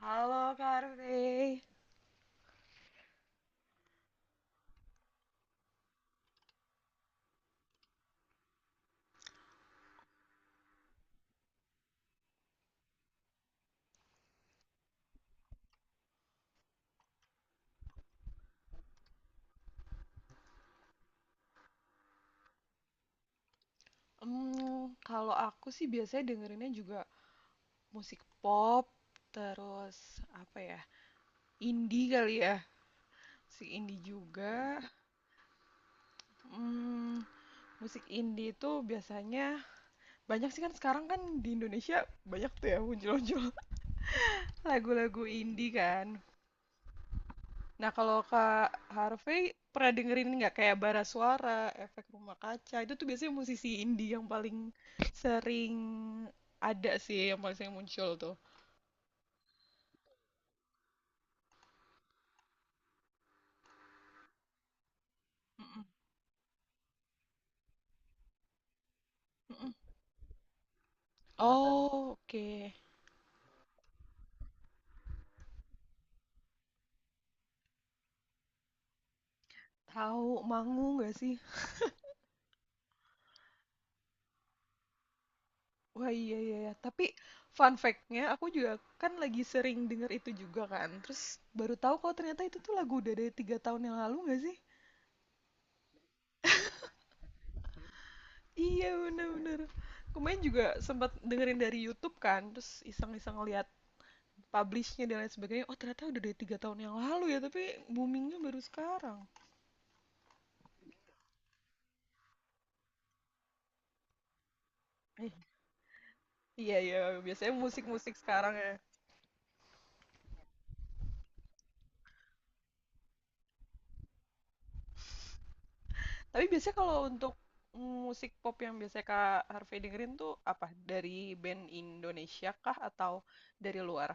Halo Kak Rey. Kalau aku sih biasanya dengerinnya juga musik pop, terus apa ya, indie kali ya, musik indie juga. Hmm, musik indie itu biasanya banyak sih kan sekarang kan di Indonesia banyak tuh ya muncul-muncul lagu-lagu indie kan. Nah, kalau Kak Harvey pernah dengerin nggak kayak bara suara, Efek Rumah Kaca? Itu tuh biasanya musisi indie yang paling sering ada sih, yang paling sering muncul tuh. Mm-mm, mm-mm. Oh, oke. Tahu Mangu nggak sih? Wah, iya, iya, iya. Tapi fun fact-nya aku juga kan lagi sering denger itu juga kan. Terus baru tahu kalau ternyata itu tuh lagu udah dari 3 tahun yang lalu, nggak sih? Iya, bener-bener. Kemarin juga sempat dengerin dari YouTube kan, terus iseng-iseng lihat publishnya dan lain sebagainya, oh ternyata udah dari 3 tahun yang lalu ya, tapi boomingnya baru sekarang. eh, iya, iya, biasanya musik-musik sekarang ya. Tapi biasanya kalau untuk musik pop yang biasanya Kak Harvey dengerin tuh apa? Dari band Indonesia kah atau dari luar?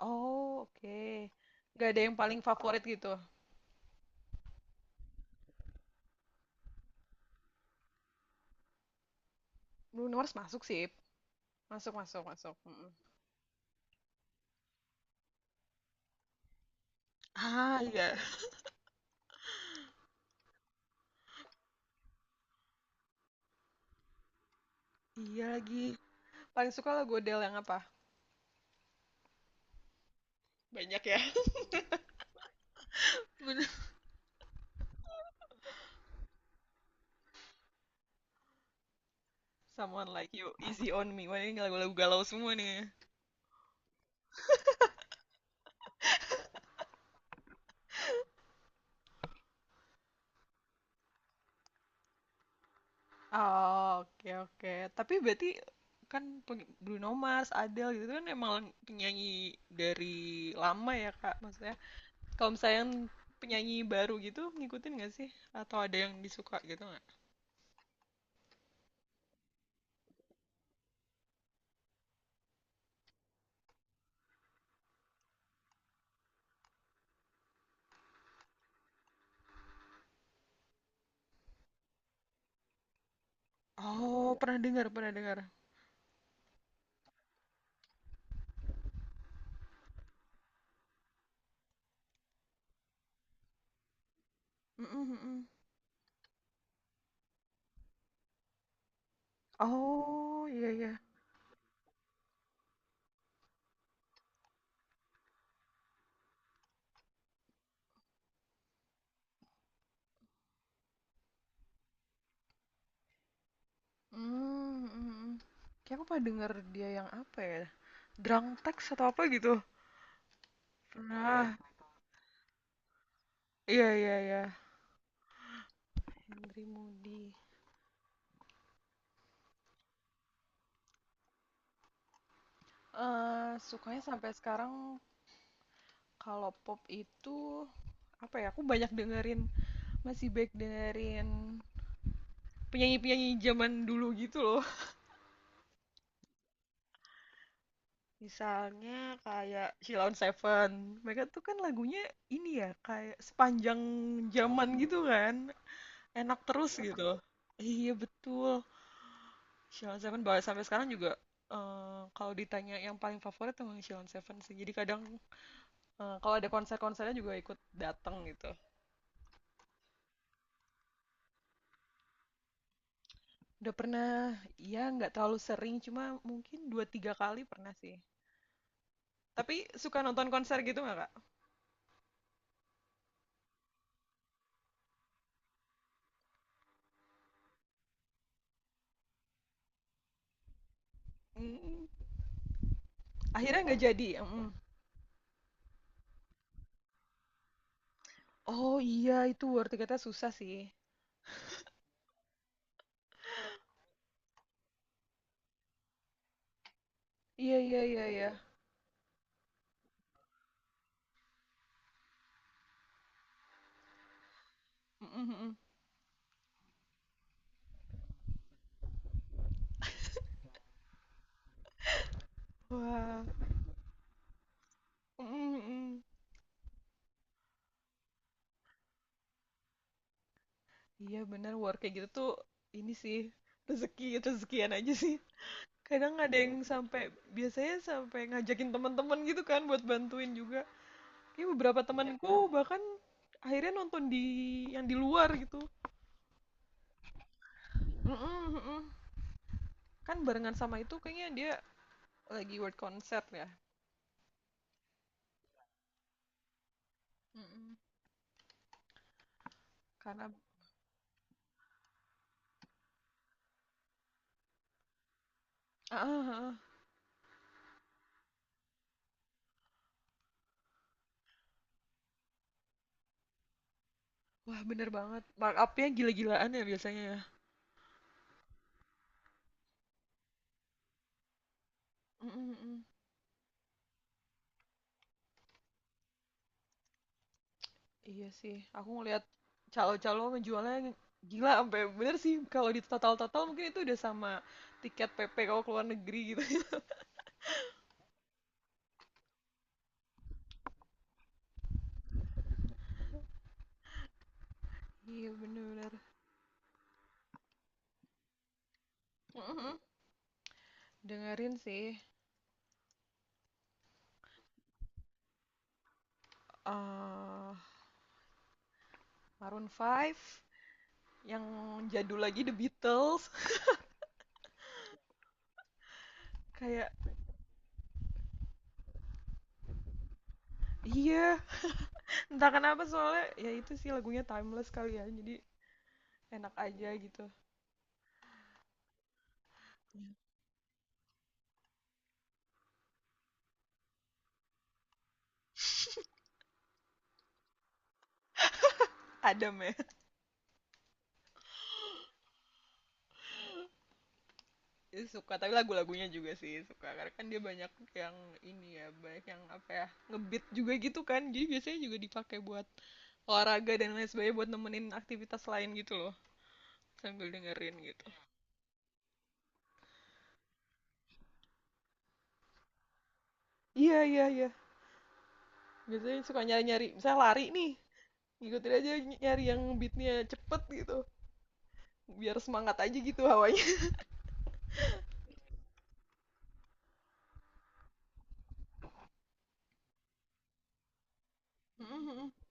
Oh, oke. Gak ada yang paling favorit gitu. Bruno Mars masuk sih. Masuk, masuk, masuk. Mm-mm. Ah, iya. Iya lagi. Paling suka lagu Adele yang apa? Banyak ya. Bener. Someone Like You, Easy On Me. Wah, ini lagu-lagu galau semua nih. Oh, oke, oke. Tapi berarti kan Bruno Mars, Adele gitu kan emang penyanyi dari lama ya Kak. Maksudnya kalau misalnya yang penyanyi baru gitu ngikutin nggak sih? Atau ada yang disuka gitu nggak? Oh, pernah dengar, pernah dengar. Mm, mm, mm, mm. Oh, iya, iya. Mm, mm, mm. Kayak aku pernah dengar dia yang apa ya? Drunk Text atau apa gitu. Pernah. Iya, iya, iya. Henry Moody. Sukanya sampai sekarang kalau pop itu apa ya? Aku banyak dengerin, masih baik dengerin penyanyi-penyanyi zaman dulu gitu loh. Misalnya kayak Sheila on Seven. Mereka tuh kan lagunya ini ya, kayak sepanjang zaman gitu kan. Enak terus gitu. Iya, betul. Sheila on Seven bahkan sampai sekarang juga, kalau ditanya yang paling favorit emang Sheila on Seven sih. Jadi kadang kalau ada konser-konsernya juga ikut datang gitu. Udah pernah, ya nggak terlalu sering, cuma mungkin dua tiga kali pernah sih. Tapi suka nonton konser gitu nggak, Kak? Mm, akhirnya nggak jadi. Mm. Oh iya, itu war tiketnya susah sih. Iya, iya, iya, iya. Mm, mm, mm. Wah. Mm, mm, mm. Iya bener, war kayak gitu tuh ini sih, rezeki, rezekian aja sih. Kadang ada yang sampai, biasanya sampai ngajakin teman-teman gitu kan buat bantuin juga. Ini beberapa temanku bahkan akhirnya nonton di yang di luar gitu. Mm-mm, mm-mm. Kan barengan sama itu kayaknya dia lagi world concert ya. Mm-mm. Karena ah, ah, ah. Wah bener banget. Markupnya gila-gilaan ya biasanya ya. Mm-mm, mm-mm. Iya sih, aku ngeliat calo-calo ngejualnya gila sampai bener sih kalau di total-total mungkin itu udah sama tiket PP kalau keluar negeri gitu. Iya, bener-bener. Mm-mm. Dengerin sih, eh Maroon 5 yang jadul lagi, The Beatles. Kayak, iya, entah kenapa soalnya ya itu sih lagunya timeless kali ya, jadi enak aja gitu. Adam ya, suka, tapi lagu-lagunya juga sih suka karena kan dia banyak yang ini ya, banyak yang apa ya, ngebeat juga gitu kan, jadi biasanya juga dipakai buat olahraga dan lain sebagainya, buat nemenin aktivitas lain gitu loh, sambil dengerin gitu. Iya, iya, iya, biasanya suka nyari-nyari, misalnya lari nih, ngikutin aja, nyari yang beatnya cepet gitu, biar semangat aja gitu hawanya.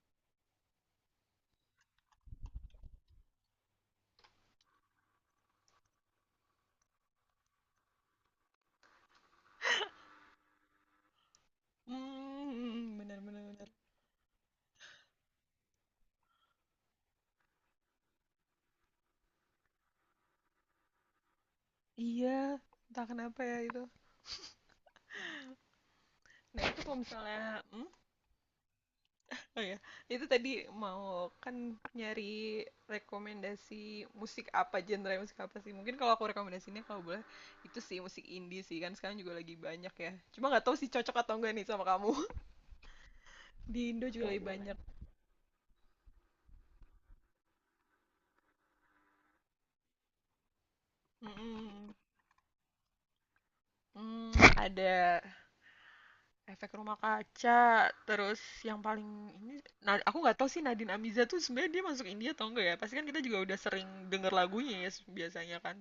Hmm, benar, benar, benar. Iya, entah kenapa ya itu. Nah, itu kalau misalnya, hmm? Oh ya, itu tadi mau kan nyari rekomendasi musik apa, genre musik apa sih? Mungkin kalau aku rekomendasinya kalau boleh itu sih musik indie sih kan sekarang juga lagi banyak ya. Cuma nggak tahu sih cocok atau enggak nih sama kamu. Di Indo juga lagi banyak. Mm-mm. Ada Efek Rumah Kaca, terus yang paling ini, nah aku nggak tahu sih Nadine Amiza tuh sebenarnya dia masuk India atau enggak ya? Pasti kan kita juga udah sering denger lagunya ya biasanya kan.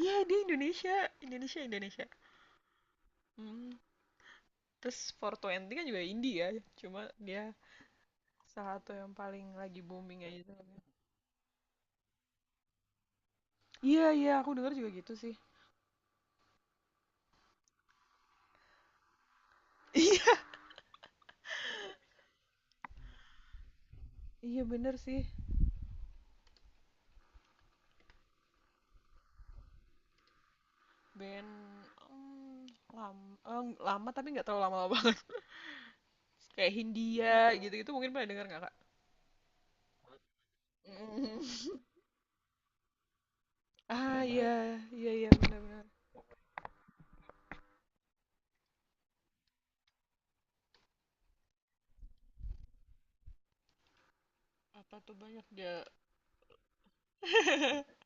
Iya, dia Indonesia, Indonesia, Indonesia. Hmm. Terus 420 kan juga India ya, cuma dia salah satu yang paling lagi booming aja, tuh. Iya, iya, aku denger juga gitu sih. Iya, iya, bener sih. Band hmm, lama tapi nggak terlalu lama-lama banget. Kayak Hindia gitu-gitu mungkin pernah denger nggak kak? Mm. Ah, ya, iya, kan? Iya, iya, benar-benar. Apa tuh banyak dia.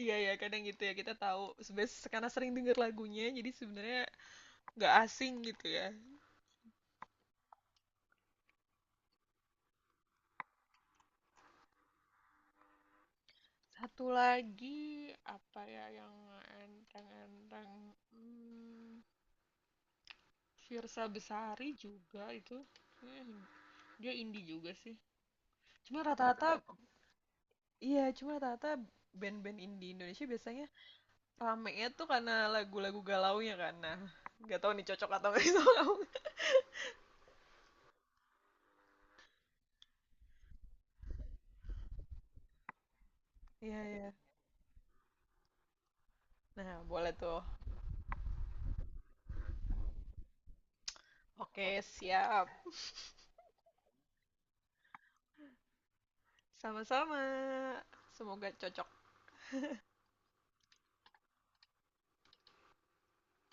Iya ya kadang gitu ya kita tahu sebenarnya karena sering denger lagunya, jadi sebenarnya nggak asing gitu ya. Satu lagi apa ya yang enteng-enteng, hmm, Fiersa Besari juga itu. Kayaknya dia indie juga sih. Cuma rata-rata, iya, cuma rata-rata band-band indie Indonesia biasanya ramenya tuh karena lagu-lagu galaunya kan. Nah, nggak tahu nih cocok atau nggak sih sama kamu. Iya, iya. Nah, boleh tuh. Oke, siap. Sama-sama. Semoga cocok.